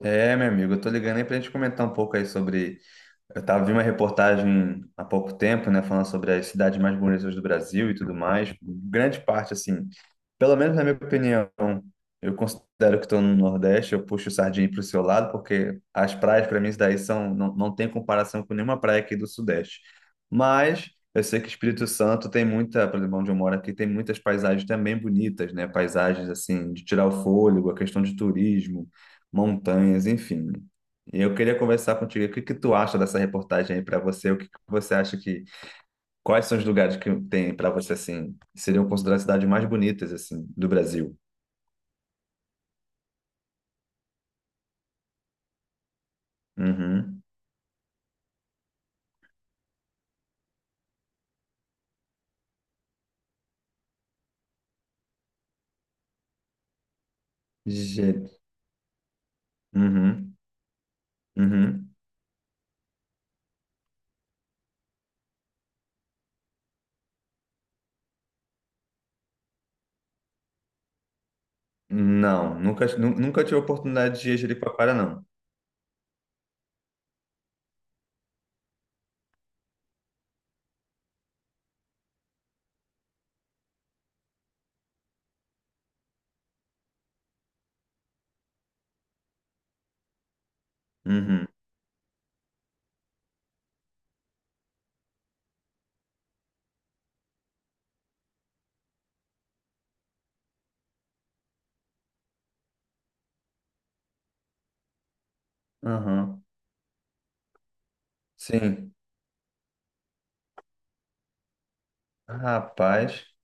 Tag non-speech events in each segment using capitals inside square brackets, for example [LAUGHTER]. É, meu amigo, eu tô ligando aí pra gente comentar um pouco aí sobre. Eu tava vi uma reportagem há pouco tempo, né, falando sobre as cidades mais bonitas do Brasil e tudo mais. Grande parte, assim, pelo menos na minha opinião, eu considero que estou no Nordeste, eu puxo sardinha para o seu lado, porque as praias para mim isso daí são, não, não tem comparação com nenhuma praia aqui do Sudeste. Mas eu sei que Espírito Santo tem muita, por exemplo, onde eu moro aqui, tem muitas paisagens também bonitas, né? Paisagens assim, de tirar o fôlego, a questão de turismo, montanhas, enfim. E eu queria conversar contigo, o que que tu acha dessa reportagem aí para você? O que que você acha que quais são os lugares que tem para você assim, que seriam consideradas cidades mais bonitas assim do Brasil? Uhum. Je... Uhum. Uhum. Não, nunca tive a oportunidade de ir a Jericoacoara não. Uhum. Uhum. Sim. Rapaz.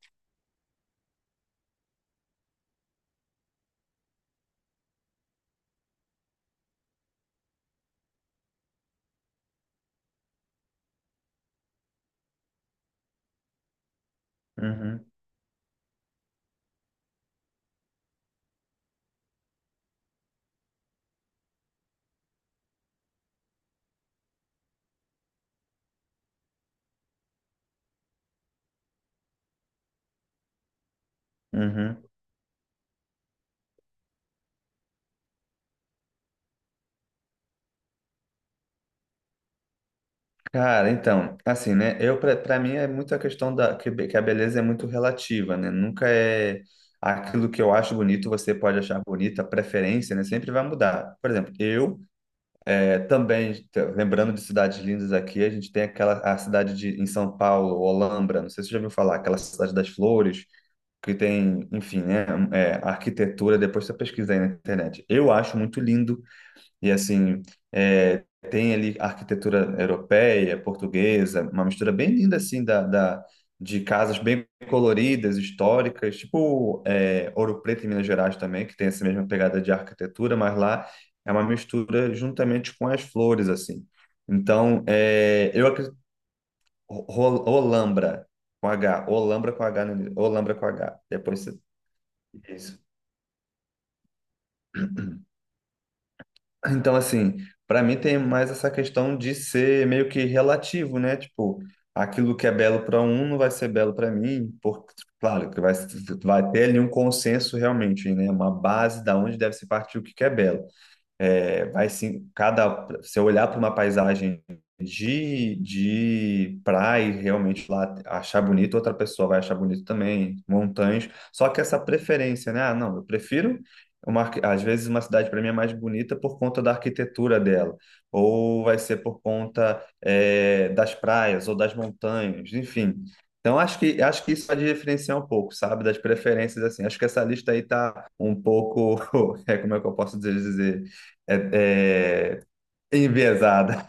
Uhum. Uhum. Cara, então, assim, né? Eu para para mim é muito a questão da que, be- que a beleza é muito relativa, né? Nunca é aquilo que eu acho bonito, você pode achar bonita, a preferência, né? Sempre vai mudar. Por exemplo, eu é, também, t- lembrando de cidades lindas aqui, a gente tem aquela a cidade de, em São Paulo, Olambra, não sei se você já ouviu falar, aquela cidade das flores, que tem, enfim, né, é, arquitetura, depois você pesquisa aí na internet. Eu acho muito lindo e assim, é, tem ali arquitetura europeia, portuguesa, uma mistura bem linda assim de casas bem coloridas, históricas, tipo é, Ouro Preto em Minas Gerais também, que tem essa mesma pegada de arquitetura, mas lá é uma mistura juntamente com as flores assim. Então, é, eu acredito Ro- Ro- Olambra Olambra com H, no- Olambra com H. Depois você, isso. Então, assim, para mim tem mais essa questão de ser meio que relativo, né? Tipo, aquilo que é belo para um não vai ser belo para mim, porque, claro, que vai, vai ter ali um consenso realmente, né? Uma base da onde deve se partir o que que é belo. É, vai sim, cada, se eu olhar para uma paisagem de praia, e realmente lá achar bonito, outra pessoa vai achar bonito também, montanhas. Só que essa preferência, né? Ah, não, eu prefiro uma, arqui- às vezes uma cidade para mim é mais bonita por conta da arquitetura dela, ou vai ser por conta, é, das praias ou das montanhas, enfim. Então, acho que isso pode diferenciar um pouco, sabe, das preferências, assim. Acho que essa lista aí tá um pouco, [LAUGHS] é, como é que eu posso dizer? É, é enviesada.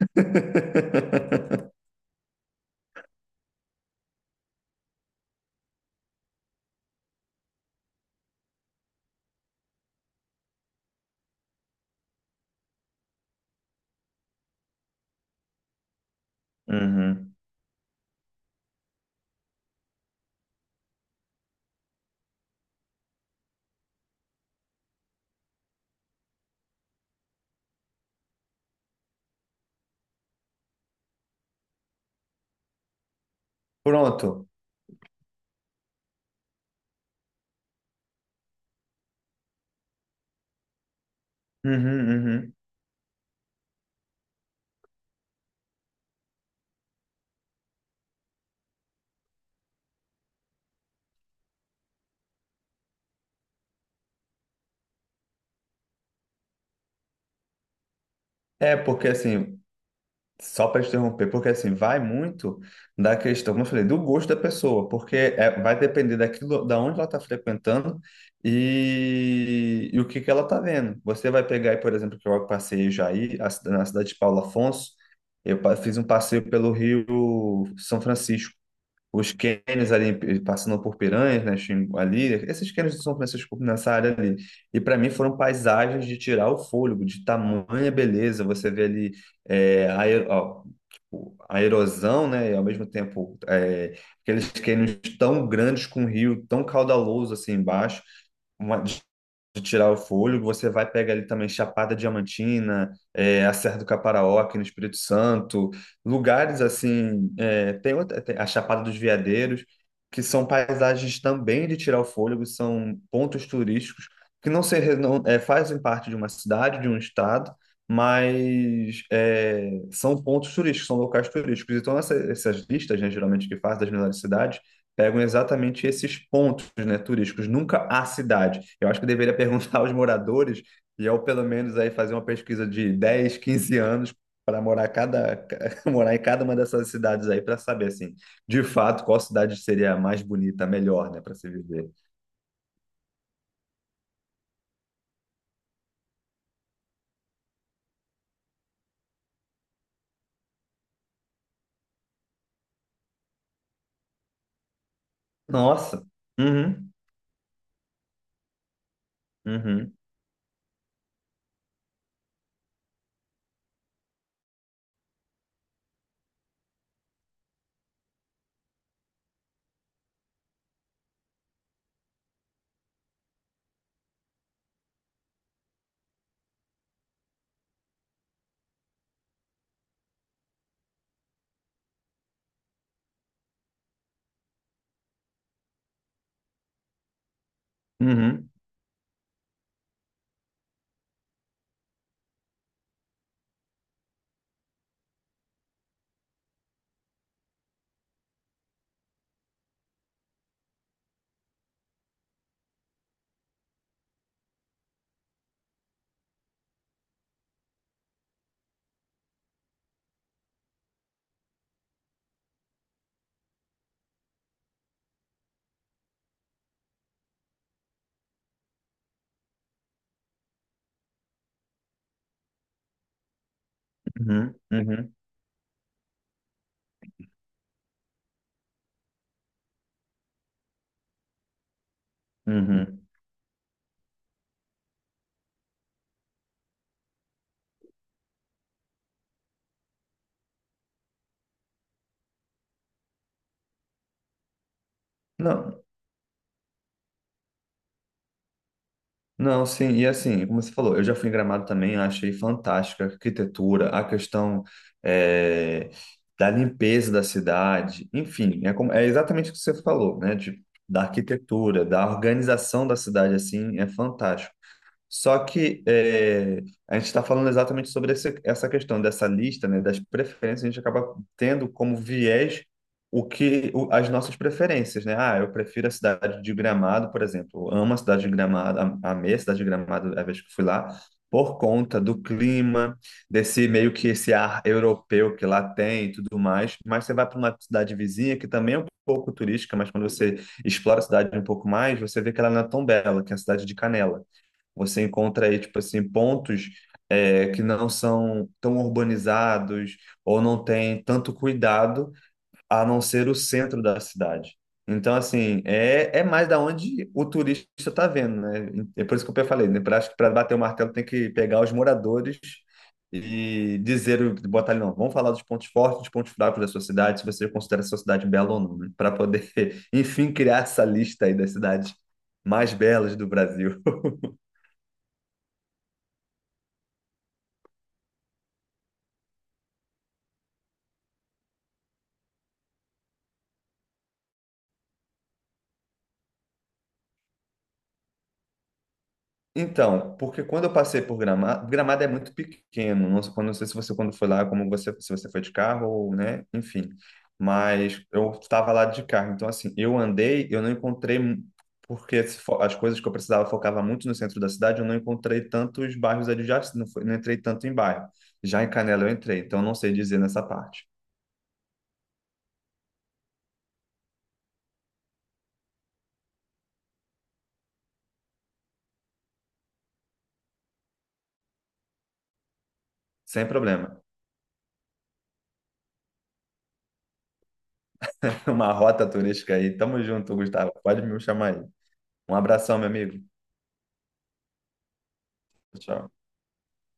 [LAUGHS] Uhum. Pronto. Uhum, uhum. É, porque assim, só para interromper, porque assim, vai muito da questão, como eu falei, do gosto da pessoa, porque é- vai depender daquilo, da onde ela está frequentando e, o que que ela está vendo. Você vai pegar aí, por exemplo, que eu passei já aí, a cida- na cidade de Paulo Afonso, eu pa- fiz um passeio pelo Rio São Francisco. Os cânions ali passando por Piranhas, né, Xingu- ali, esses cânions são nessa área ali. E para mim foram paisagens de tirar o fôlego, de tamanha beleza. Você vê ali é, a, ero- ó, o- a erosão, né, e ao mesmo tempo é, aqueles cânions tão grandes com um rio tão caudaloso assim embaixo. Uma de tirar o fôlego, você vai pegar ali também Chapada Diamantina, é, a Serra do Caparaó, aqui no Espírito Santo, lugares assim, é, tem, outra- tem a Chapada dos Veadeiros, que são paisagens também de tirar o fôlego, são pontos turísticos que não, se, re- não é, fazem parte de uma cidade, de um estado, mas é, são pontos turísticos, são locais turísticos. Então, essa- essas listas, né, geralmente que faz das melhores cidades, pegam exatamente esses pontos, né, turísticos, nunca a cidade. Eu acho que eu deveria [LAUGHS] perguntar aos moradores, e eu pelo menos aí fazer uma pesquisa de 10 15 anos para morar cada [LAUGHS] morar em cada uma dessas cidades aí para saber assim, de fato, qual cidade seria a mais bonita, a melhor, né, para se viver. Nossa. Uhum, uhum, uhum, uhum, uhum, uhum. Não, Não, sim, e assim, como você falou, eu já fui em Gramado também, achei fantástica a arquitetura, a questão eh, da limpeza da cidade, enfim, é, como- é exatamente o que você falou, né? De, da arquitetura, da organização da cidade, assim, é fantástico. Só que é, a gente está falando exatamente sobre esse- essa questão dessa lista, né, das preferências, a gente acaba tendo como viés o que o- as nossas preferências, né? Ah, eu prefiro a cidade de Gramado, por exemplo. Eu amo a cidade de Gramado, am- amei a cidade de Gramado a vez que fui lá, por conta do clima, desse meio que esse ar europeu que lá tem e tudo mais. Mas você vai para uma cidade vizinha que também é um pouco turística, mas quando você explora a cidade um pouco mais, você vê que ela não é tão bela, que é a cidade de Canela. Você encontra aí, tipo assim, pontos é, que não são tão urbanizados ou não tem tanto cuidado, a não ser o centro da cidade. Então, assim, é, é mais da onde o turista está vendo, né? É por isso que eu falei, né? Pra- acho que para bater o martelo tem que pegar os moradores e dizer, o- botar ali, não, vamos falar dos pontos fortes, dos pontos fracos da sua cidade, se você considera a sua cidade bela ou não, né? Para poder, [LAUGHS] enfim, criar essa lista aí das cidades mais belas do Brasil. [LAUGHS] Então, porque quando eu passei por Gramado, Gramado é muito pequeno, não sei, não sei se você quando foi lá, como você, se você foi de carro, ou, né, enfim, mas eu estava lá de carro, então assim, eu andei, eu não encontrei, porque se fo- as coisas que eu precisava focava muito no centro da cidade, eu não encontrei tantos bairros adjacentes, não, foi- não entrei tanto em bairro, já em Canela eu entrei, então não sei dizer nessa parte, sem problema, [LAUGHS] uma rota turística aí, tamo junto, Gustavo, pode me chamar aí, um abração, meu amigo, tchau.